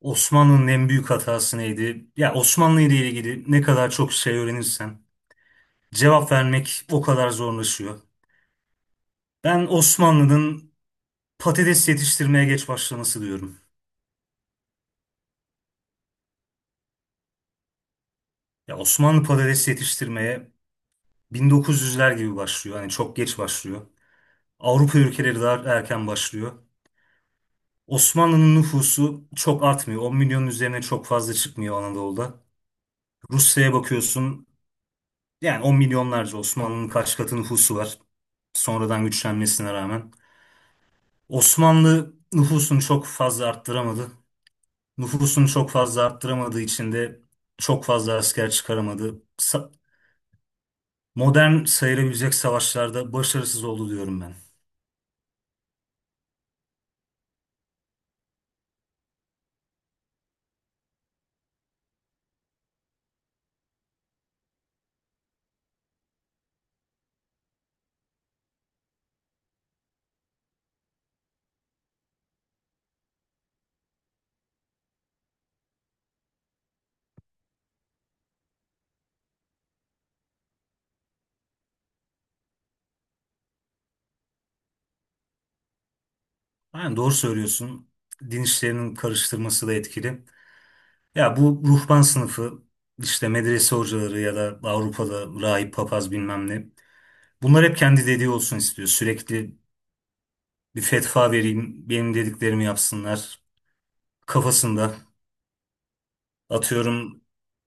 Osmanlı'nın en büyük hatası neydi? Ya Osmanlı ile ilgili ne kadar çok şey öğrenirsen cevap vermek o kadar zorlaşıyor. Ben Osmanlı'nın patates yetiştirmeye geç başlaması diyorum. Ya Osmanlı patates yetiştirmeye 1900'ler gibi başlıyor. Hani çok geç başlıyor. Avrupa ülkeleri daha erken başlıyor. Osmanlı'nın nüfusu çok artmıyor. 10 milyonun üzerine çok fazla çıkmıyor Anadolu'da. Rusya'ya bakıyorsun. Yani 10 milyonlarca Osmanlı'nın kaç katı nüfusu var. Sonradan güçlenmesine rağmen. Osmanlı nüfusunu çok fazla arttıramadı. Nüfusunu çok fazla arttıramadığı için de çok fazla asker çıkaramadı. Modern sayılabilecek savaşlarda başarısız oldu diyorum ben. Yani doğru söylüyorsun. Din işlerinin karıştırması da etkili. Ya bu ruhban sınıfı işte medrese hocaları ya da Avrupa'da rahip papaz bilmem ne. Bunlar hep kendi dediği olsun istiyor. Sürekli bir fetva vereyim, benim dediklerimi yapsınlar kafasında. Atıyorum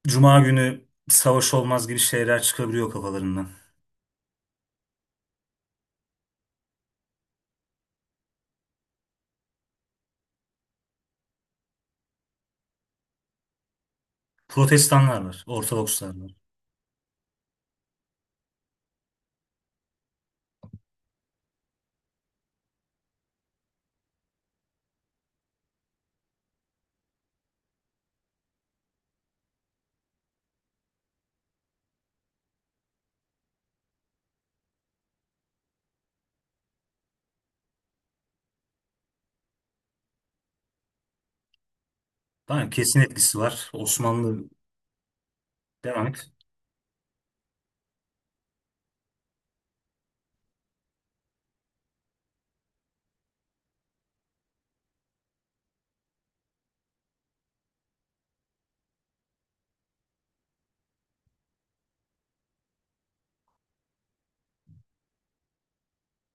Cuma günü savaş olmaz gibi şeyler çıkabiliyor kafalarından. Protestanlar var, Ortodokslar var. Tamam, kesin etkisi var. Osmanlı devam et.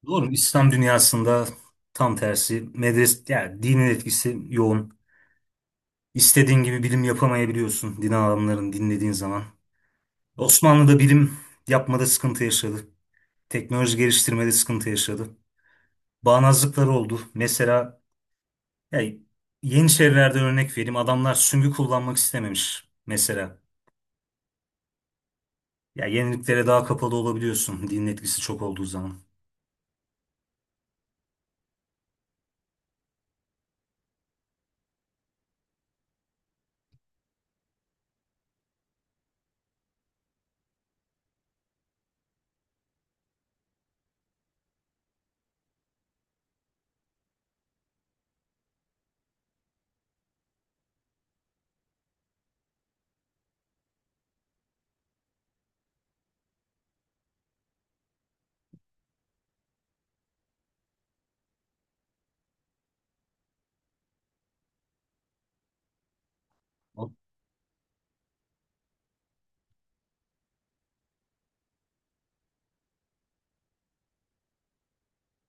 Doğru mu? İslam dünyasında tam tersi. Medres, yani dinin etkisi yoğun. İstediğin gibi bilim yapamayabiliyorsun din adamlarını dinlediğin zaman. Osmanlı'da bilim yapmada sıkıntı yaşadı. Teknoloji geliştirmede sıkıntı yaşadı. Bağnazlıkları oldu. Mesela ya Yeniçerilerde örnek vereyim. Adamlar süngü kullanmak istememiş mesela. Ya yeniliklere daha kapalı olabiliyorsun dinin etkisi çok olduğu zaman.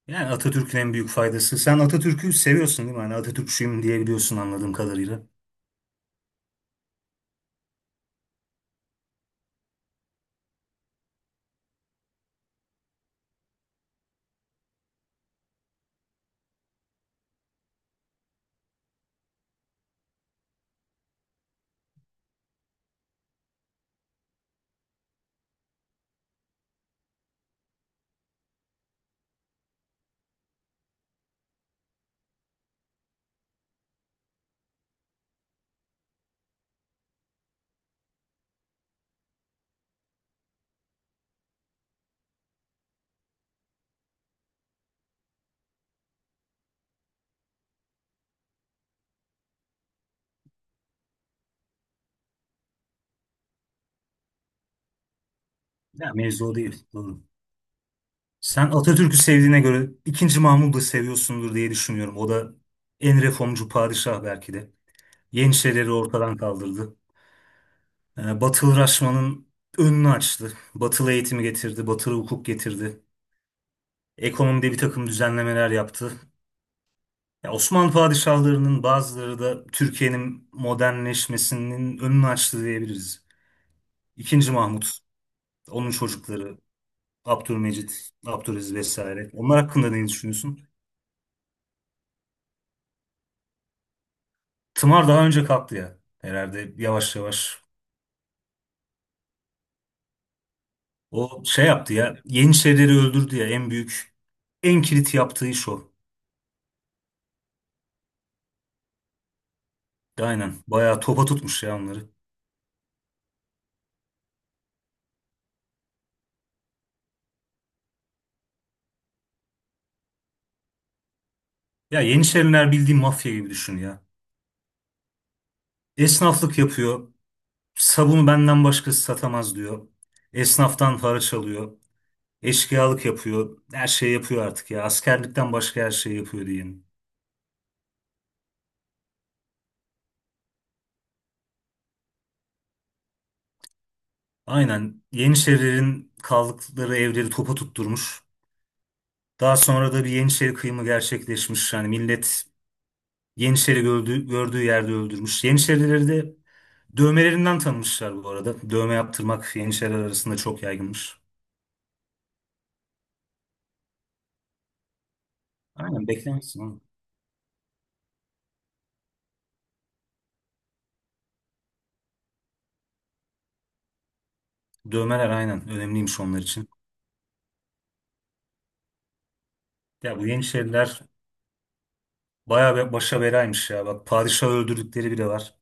Yani Atatürk'ün en büyük faydası. Sen Atatürk'ü seviyorsun değil mi? Hani Atatürkçüyüm diyebiliyorsun anladığım kadarıyla. Ya mevzu o değil. Doğru. Sen Atatürk'ü sevdiğine göre II. Mahmud'u seviyorsundur diye düşünüyorum. O da en reformcu padişah belki de. Yeniçerileri ortadan kaldırdı. Batılı Raşman'ın önünü açtı. Batılı eğitimi getirdi. Batılı hukuk getirdi. Ekonomide bir takım düzenlemeler yaptı. Ya Osmanlı padişahlarının bazıları da Türkiye'nin modernleşmesinin önünü açtı diyebiliriz. II. Mahmut, onun çocukları Abdülmecit, Abdülaziz vesaire. Onlar hakkında ne düşünüyorsun? Tımar daha önce kalktı ya herhalde yavaş yavaş. O şey yaptı ya Yeniçerileri öldürdü ya en büyük en kilit yaptığı iş o. Aynen bayağı topa tutmuş ya onları. Ya Yeniçeriler bildiğin mafya gibi düşün ya. Esnaflık yapıyor. Sabunu benden başkası satamaz diyor. Esnaftan haraç alıyor. Eşkıyalık yapıyor. Her şeyi yapıyor artık ya. Askerlikten başka her şeyi yapıyor diyelim. Aynen. Yeniçerilerin kaldıkları evleri topa tutturmuş. Daha sonra da bir Yeniçeri kıyımı gerçekleşmiş. Yani millet Yeniçeri gördüğü yerde öldürmüş. Yeniçerileri de dövmelerinden tanımışlar bu arada. Dövme yaptırmak Yeniçeriler arasında çok yaygınmış. Aynen beklemezsin oğlum. Dövmeler aynen önemliymiş onlar için. Ya bu Yeniçeriler bayağı bir başa belaymış ya. Bak padişahı öldürdükleri bile var.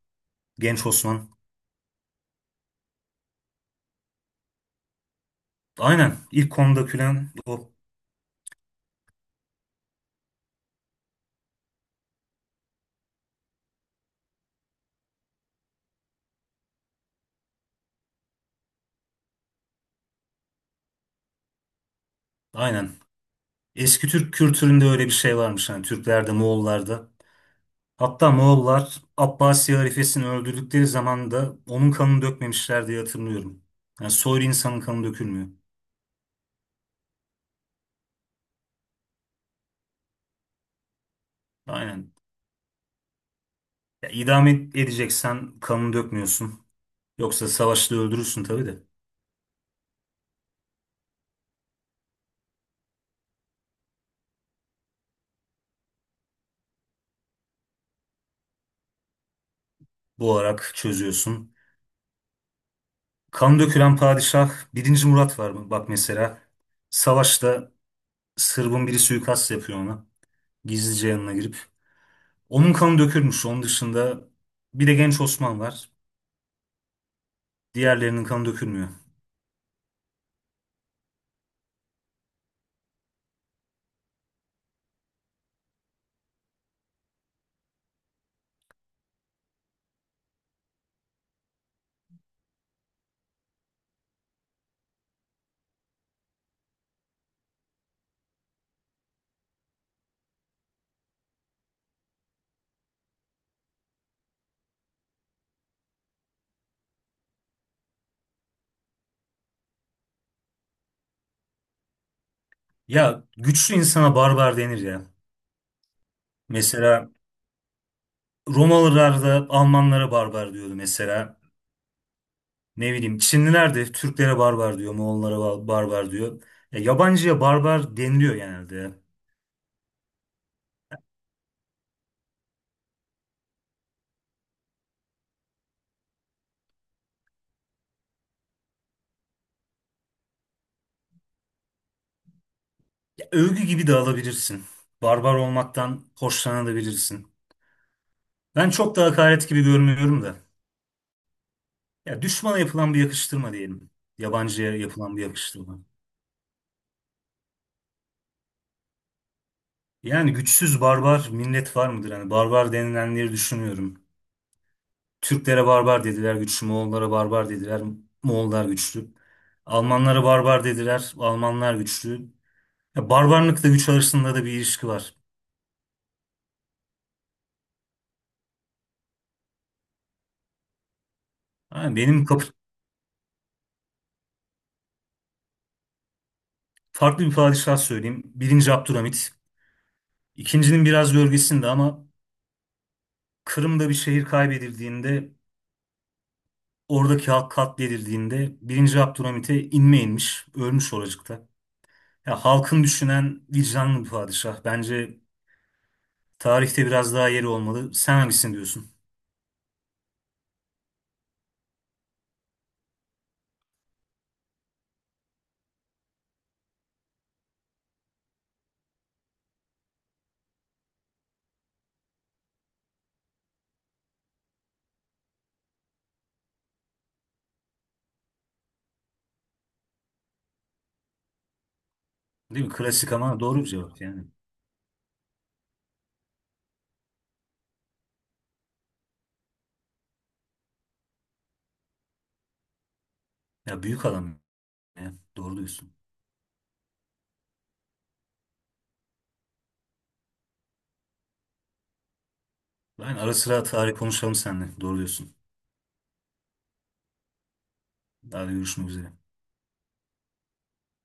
Genç Osman. Aynen. İlk konuda külen o. Aynen. Eski Türk kültüründe öyle bir şey varmış. Yani Türklerde, Moğollarda. Hatta Moğollar Abbasi halifesini öldürdükleri zaman da onun kanını dökmemişler diye hatırlıyorum. Yani soylu insanın kanı dökülmüyor. Aynen. Ya, edeceksen kanını dökmüyorsun. Yoksa savaşta öldürürsün tabii de. Bu olarak çözüyorsun. Kan dökülen padişah I. Murat var mı? Bak mesela savaşta Sırbın biri suikast yapıyor ona. Gizlice yanına girip. Onun kanı dökülmüş. Onun dışında bir de genç Osman var. Diğerlerinin kanı dökülmüyor. Ya güçlü insana barbar denir ya. Mesela Romalılar da Almanlara barbar diyordu mesela. Ne bileyim Çinliler de Türklere barbar diyor, Moğollara barbar diyor. Ya, yabancıya barbar deniliyor genelde. Övgü gibi de alabilirsin. Barbar olmaktan hoşlanabilirsin. Ben çok da hakaret gibi görmüyorum da. Ya düşmana yapılan bir yakıştırma diyelim. Yabancıya yapılan bir yakıştırma. Yani güçsüz barbar millet var mıdır? Hani barbar denilenleri düşünüyorum. Türklere barbar dediler güçlü, Moğollara barbar dediler, Moğollar güçlü. Almanlara barbar dediler, Almanlar güçlü. Ya barbarlıkla güç arasında da bir ilişki var. Ha, farklı bir padişah söyleyeyim. Birinci Abdülhamit. İkincinin biraz gölgesinde ama Kırım'da bir şehir kaybedildiğinde, oradaki halk katledildiğinde I. Abdülhamit'e inme inmiş, ölmüş oracıkta. Ya halkın düşünen vicdanlı bir padişah. Bence tarihte biraz daha yeri olmalı. Sen hangisini diyorsun? Değil mi? Klasik ama doğru bir cevap yani. Ya büyük adam ya. Doğru diyorsun. Ben ara sıra tarih konuşalım seninle. Doğru diyorsun. Daha da görüşmek üzere.